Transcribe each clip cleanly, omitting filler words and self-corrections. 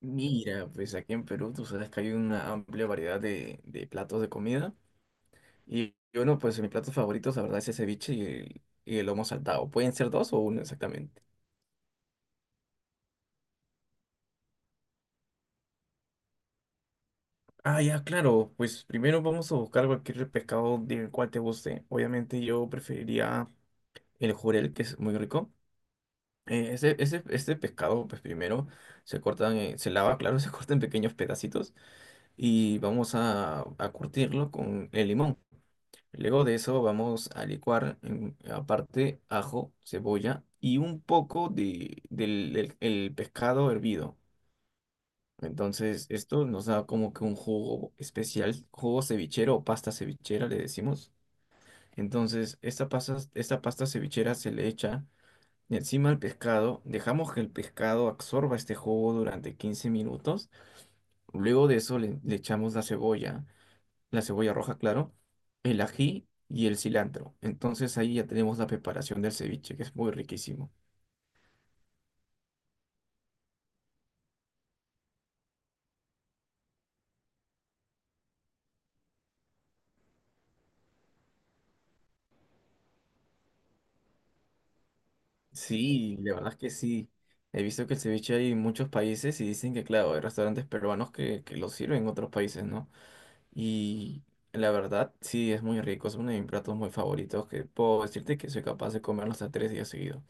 Mira, pues aquí en Perú tú sabes que hay una amplia variedad de platos de comida. Y bueno, pues mis platos favoritos, la verdad, es el ceviche y el lomo saltado. Pueden ser dos o uno exactamente. Ah, ya, claro. Pues primero vamos a buscar cualquier pescado del cual te guste. Obviamente yo preferiría el jurel, que es muy rico. Este pescado, pues primero se cortan, se lava, claro, se corta en pequeños pedacitos y vamos a curtirlo con el limón. Luego de eso vamos a aparte ajo, cebolla y un poco el pescado hervido. Entonces esto nos da como que un jugo especial, jugo cevichero o pasta cevichera le decimos. Entonces esta pasta cevichera se le echa encima al pescado, dejamos que el pescado absorba este jugo durante 15 minutos. Luego de eso le echamos la cebolla roja, claro, el ají y el cilantro. Entonces ahí ya tenemos la preparación del ceviche, que es muy riquísimo. Sí, la verdad es que sí. He visto que el ceviche hay en muchos países y dicen que, claro, hay restaurantes peruanos que lo sirven en otros países, ¿no? Y la verdad, sí, es muy rico. Es uno de mis platos muy favoritos que puedo decirte que soy capaz de comerlo hasta 3 días seguidos.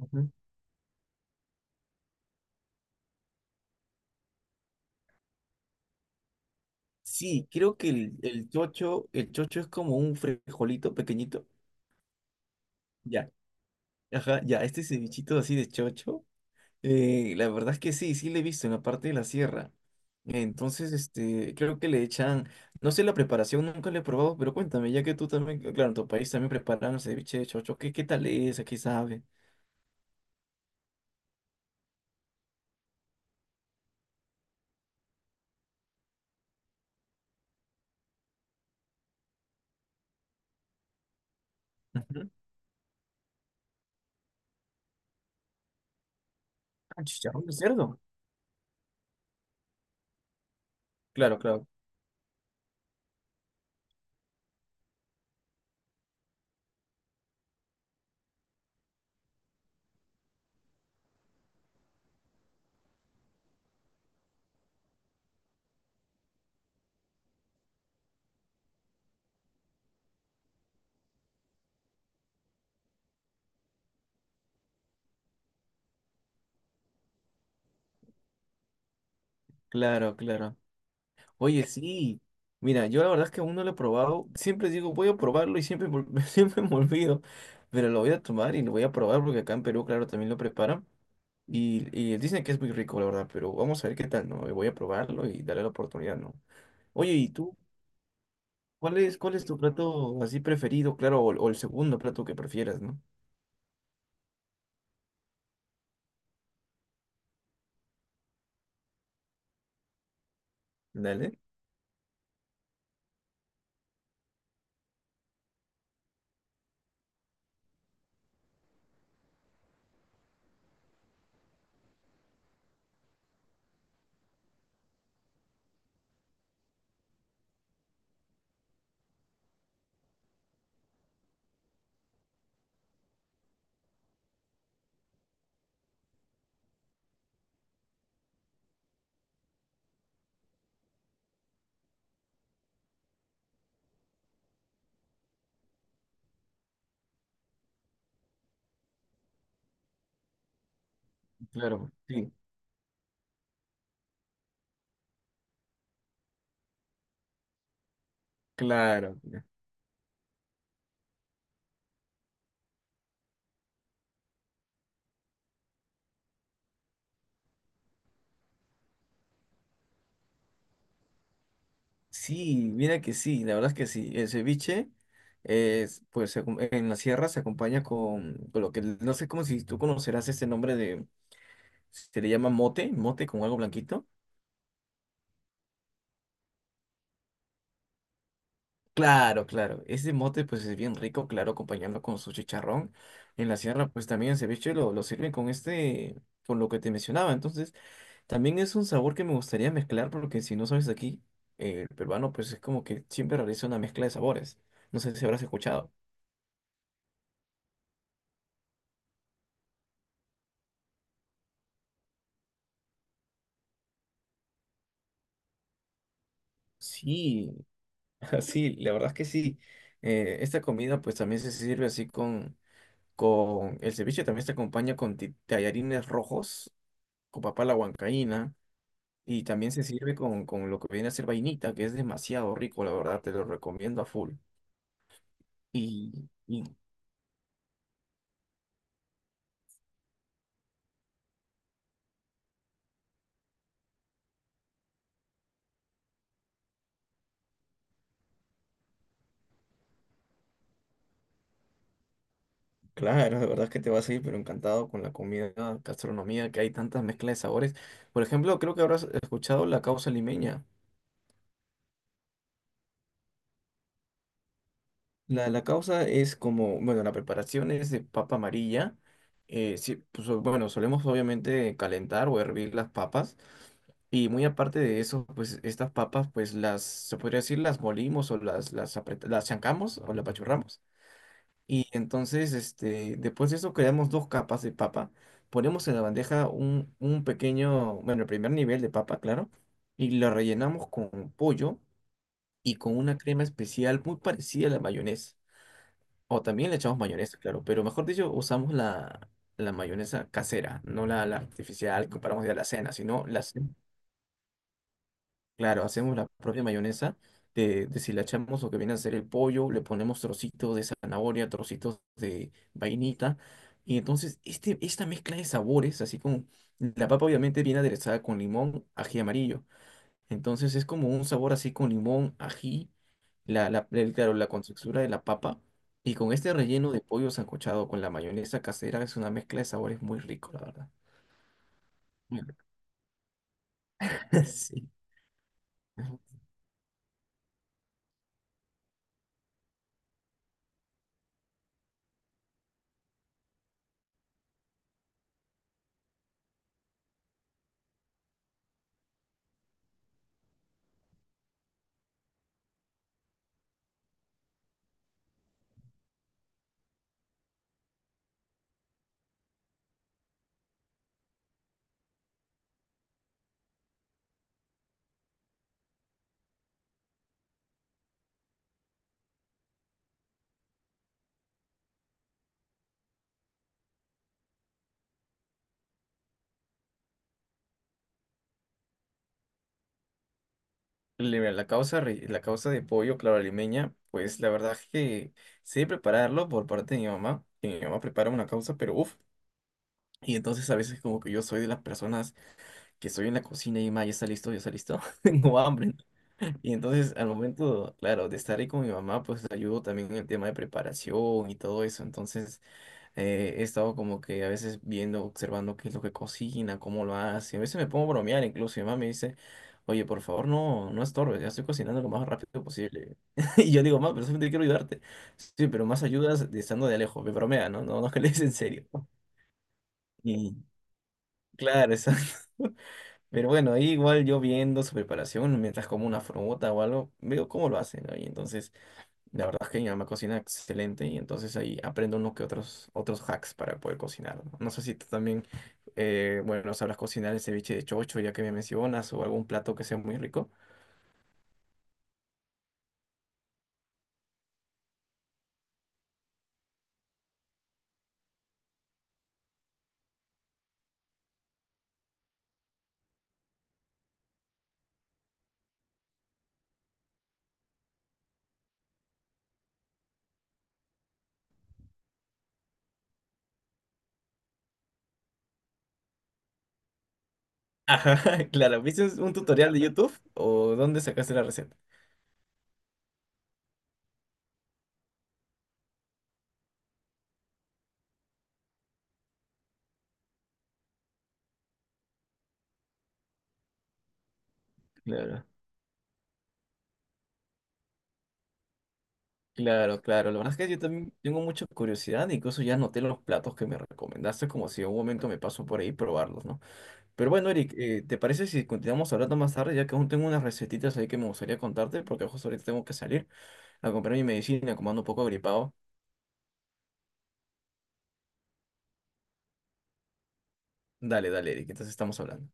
Ujú. Sí, creo que el chocho es como un frijolito pequeñito. Ya, ajá, ya, este cevichito así de chocho. La verdad es que sí, sí le he visto en la parte de la sierra. Entonces, este, creo que le echan, no sé la preparación, nunca la he probado, pero cuéntame, ya que tú también, claro, en tu país también preparan el ceviche de chocho, ¿qué tal es? ¿A qué sabe? Ujú. Ah, chicharrón de cerdo. Claro, claro, claro, claro. Oye, sí. Mira, yo la verdad es que aún no lo he probado. Siempre digo, voy a probarlo y siempre, siempre me olvido. Pero lo voy a tomar y lo voy a probar porque acá en Perú, claro, también lo preparan. Y dicen que es muy rico, la verdad, pero vamos a ver qué tal, ¿no? Voy a probarlo y darle la oportunidad, ¿no? Oye, ¿y tú? ¿Cuál es tu plato así preferido? Claro, o el segundo plato que prefieras, ¿no? Dale. Claro, sí. Claro. Sí, mira que sí, la verdad es que sí. El ceviche, es, en la sierra se acompaña con lo que, no sé cómo si tú conocerás este nombre de, se le llama mote, mote con algo blanquito. Claro, claro, ese mote pues es bien rico, claro, acompañando con su chicharrón. En la sierra pues también el ceviche lo sirven con este, con lo que te mencionaba. Entonces también es un sabor que me gustaría mezclar porque si no sabes aquí, el peruano pues es como que siempre realiza una mezcla de sabores. No sé si habrás escuchado. Sí, Sí, la verdad es que sí. Esta comida pues también se sirve así con el ceviche, también se acompaña con tallarines rojos, con papa a la huancaína, y también se sirve con lo que viene a ser vainita, que es demasiado rico, la verdad, te lo recomiendo a full. Y claro, la verdad es que te vas a ir pero encantado con la comida, gastronomía, que hay tantas mezclas de sabores. Por ejemplo, creo que habrás escuchado la causa limeña. La causa es como, bueno, la preparación es de papa amarilla. Bueno, solemos obviamente calentar o hervir las papas. Y muy aparte de eso, pues estas papas, pues las, se podría decir, las molimos o las chancamos o las apachurramos. Y entonces, este, después de eso, creamos dos capas de papa. Ponemos en la bandeja el primer nivel de papa, claro. Y lo rellenamos con pollo y con una crema especial muy parecida a la mayonesa. O también le echamos mayonesa, claro, pero mejor dicho, usamos la mayonesa casera, no la artificial que compramos de la cena, claro, hacemos la propia mayonesa, deshilachamos lo que viene a ser el pollo, le ponemos trocitos de zanahoria, trocitos de vainita, y entonces este, esta mezcla de sabores, así como la papa obviamente viene aderezada con limón, ají amarillo, entonces es como un sabor así con limón, ají claro, la contextura de la papa. Y con este relleno de pollo sancochado con la mayonesa casera es una mezcla de sabores muy rico, la verdad. Mm. Sí. La causa, la causa de pollo, claro, limeña, pues la verdad es que sé prepararlo por parte de mi mamá. Que Mi mamá prepara una causa, pero uff. Y entonces a veces como que yo soy de las personas que estoy en la cocina y ma, ya está listo, tengo hambre. Y entonces al momento, claro, de estar ahí con mi mamá, pues ayudo también en el tema de preparación y todo eso. Entonces... He estado como que a veces viendo, observando qué es lo que cocina, cómo lo hace. A veces me pongo a bromear incluso. Mi mamá me dice, oye, por favor, no estorbes, ya estoy cocinando lo más rápido posible. Y yo digo, mamá, pero solamente quiero ayudarte. Sí, pero más ayudas de estando de lejos, me bromea, ¿no? No, no es que le des en serio. Y claro, exacto. Pero bueno, ahí igual yo viendo su preparación, mientras como una fruta o algo, veo cómo lo hacen, ¿no? Y entonces la verdad es que mi mamá cocina excelente y entonces ahí aprendo unos que otros, otros hacks para poder cocinar. No sé si tú también, bueno, sabrás cocinar el ceviche de chocho ya que me mencionas o algún plato que sea muy rico. Ajá, claro. ¿Viste un tutorial de YouTube o dónde sacaste la receta? Claro, claro, claro. La verdad es que yo también tengo mucha curiosidad, incluso ya anoté los platos que me recomendaste, como si en un momento me paso por ahí y probarlos, ¿no? Pero bueno, Eric, ¿te parece si continuamos hablando más tarde, ya que aún tengo unas recetitas ahí que me gustaría contarte, porque justo ahorita tengo que salir a comprar mi medicina, como ando un poco gripado? Dale, dale, Eric, entonces estamos hablando.